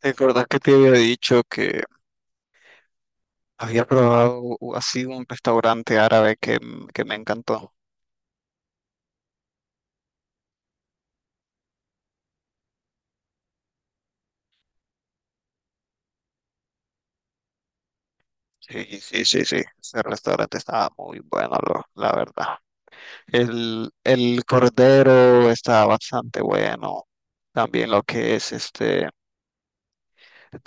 ¿Te acordás que te había dicho que había probado así un restaurante árabe que me encantó? Sí, sí, sí, sí, ese restaurante estaba muy bueno, la verdad. El cordero estaba bastante bueno. También lo que es este,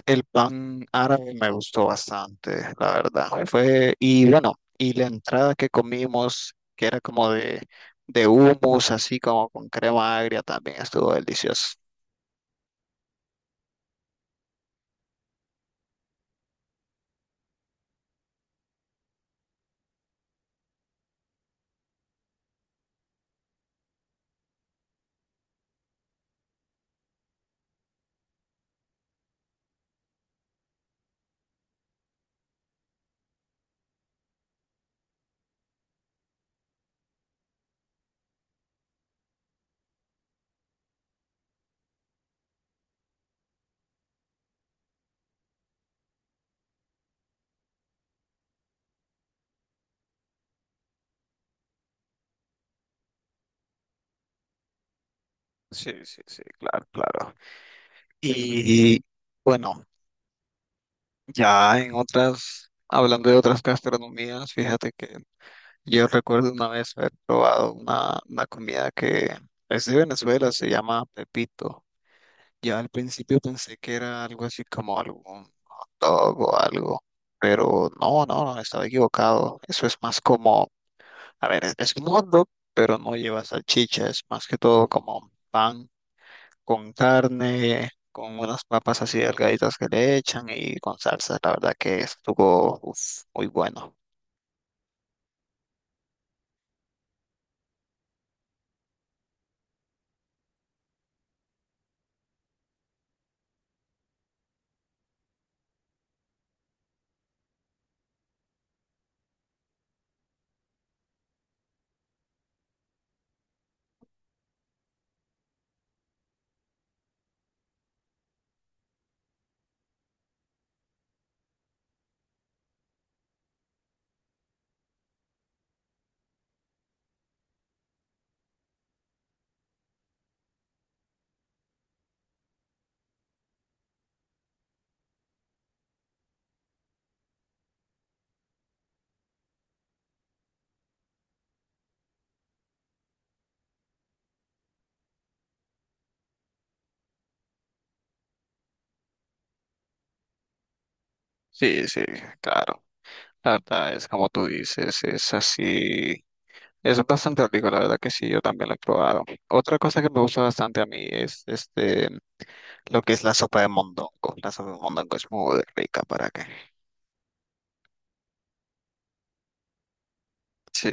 el pan árabe me gustó bastante, la verdad. Fue, y bueno, y la entrada que comimos, que era como de hummus, así como con crema agria, también estuvo delicioso. Sí, sí, sí, claro, claro. Y bueno, ya en otras, hablando de otras gastronomías, fíjate que yo recuerdo una vez haber probado una comida que es de Venezuela, se llama Pepito. Yo al principio pensé que era algo así como algún dog o algo, pero no, no, no, estaba equivocado. Eso es más como, a ver, es un hot dog, pero no lleva salchicha, es más que todo como pan con carne, con unas papas así delgaditas que le echan y con salsa. La verdad que estuvo uf, muy bueno. Sí, sí, claro. La verdad es como tú dices, es así. Es bastante rico, la verdad que sí, yo también lo he probado. Otra cosa que me gusta bastante a mí es este, lo que es la sopa de mondongo. La sopa de mondongo es muy rica, ¿para qué? Sí,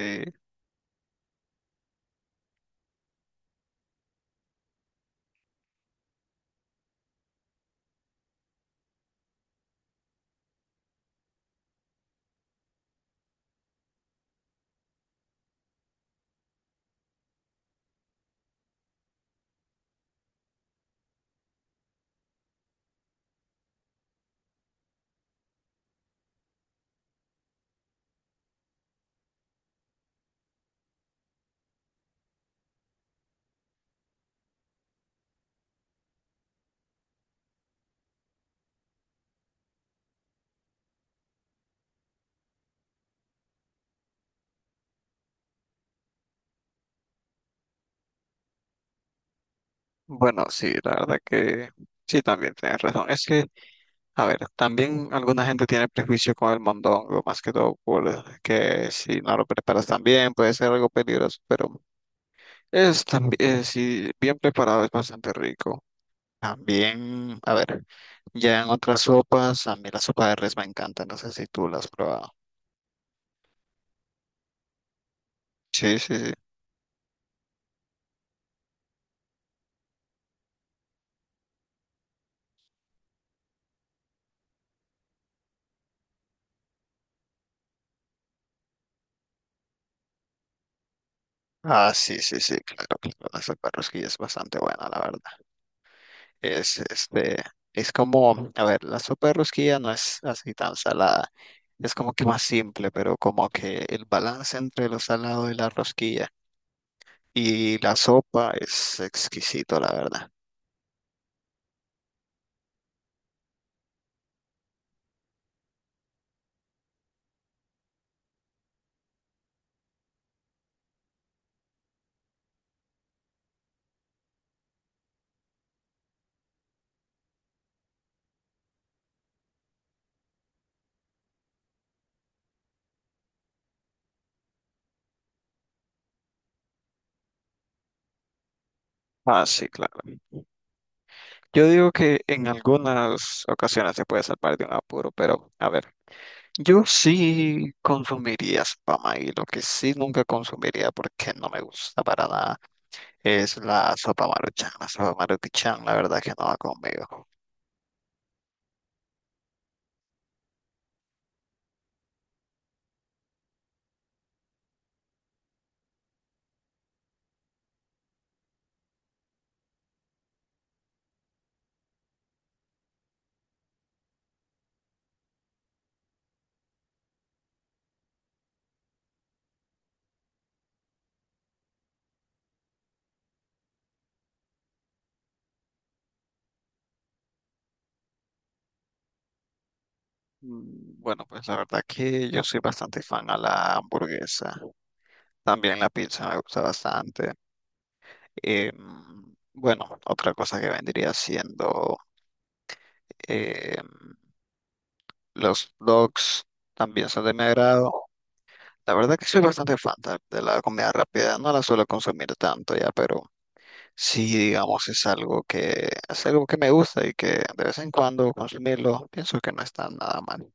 bueno, sí, la verdad que sí, también tienes razón. Es que a ver, también alguna gente tiene prejuicio con el mondongo, más que todo por que si no lo preparas tan bien puede ser algo peligroso, pero es también, si bien preparado es bastante rico. También, a ver, ya en otras sopas, a mí la sopa de res me encanta, no sé si tú la has probado. Sí, sí, sí. Ah, sí, sí, sí, claro, claro, la sopa de res que es bastante buena, la verdad. Es, este, es como, a ver, la sopa de rosquilla no es así tan salada, es como que más simple, pero como que el balance entre lo salado y la rosquilla y la sopa es exquisito, la verdad. Ah, sí, claro. Yo digo que en algunas ocasiones se puede salvar de un apuro, pero a ver, yo sí consumiría sopa maíz, lo que sí nunca consumiría porque no me gusta para nada es la sopa maruchan. La sopa maruchan, la verdad que no va conmigo. Mm, bueno, pues la verdad que yo soy bastante fan a la hamburguesa. También la pizza me gusta bastante. Em, bueno, otra cosa que vendría siendo em, los dogs también son de mi agrado. La verdad que soy bastante de la comida rápida. No la suelo consumir tanto ya, pero sí, digamos, es algo que me gusta y que de vez en cuando consumirlo pienso que no está nada mal.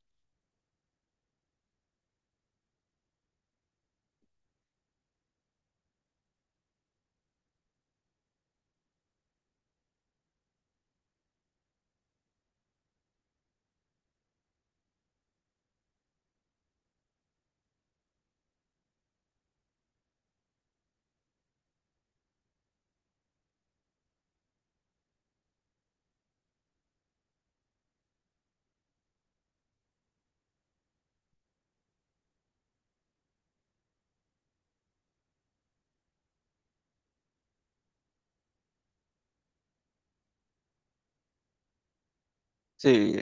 Sí,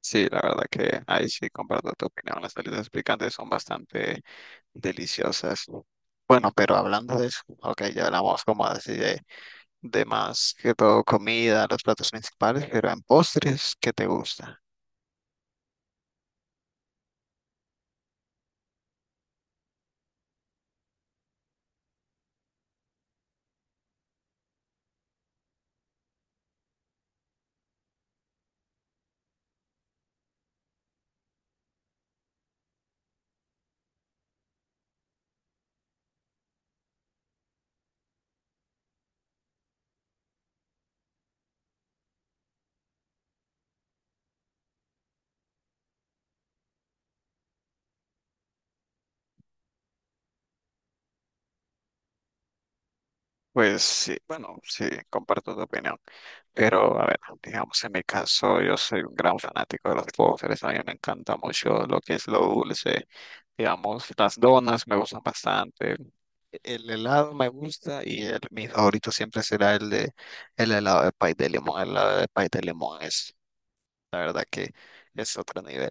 sí, la verdad que ahí sí comparto tu opinión. Las salidas picantes son bastante deliciosas. Bueno, pero hablando de eso, ok, ya hablamos como así de más que todo comida, los platos principales, pero en postres, ¿qué te gusta? Pues sí, bueno, sí, comparto tu opinión. Pero a ver, digamos en mi caso, yo soy un gran fanático de los postres. A mí me encanta mucho lo que es lo dulce. Digamos, las donas me gustan bastante. El helado me gusta y mi favorito siempre será el helado de pay de limón. El helado de pay de limón es, la verdad que es otro nivel.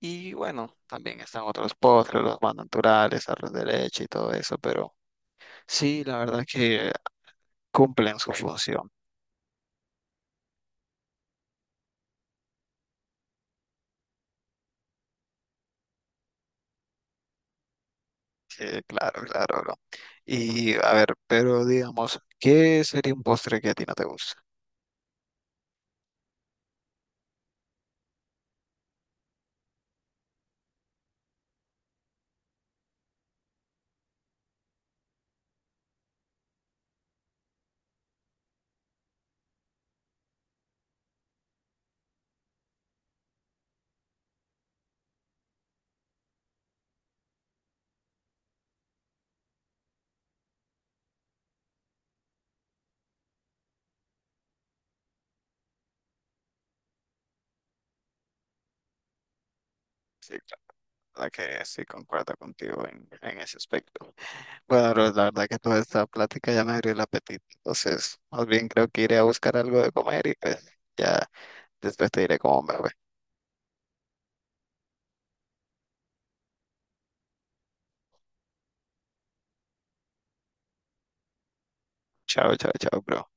Y bueno, también están otros postres, los más naturales, arroz de leche y todo eso, pero sí, la verdad que cumplen su función. Sí, claro, claro, bro. Y a ver, pero digamos, ¿qué sería un postre que a ti no te gusta? Sí, claro, la verdad que sí concuerdo contigo en ese aspecto. Bueno, bro, la verdad que toda esta plática ya me abrió el apetito. Entonces, más bien creo que iré a buscar algo de comer y pues ya después te diré cómo me fue. Chao, chao, chao, bro.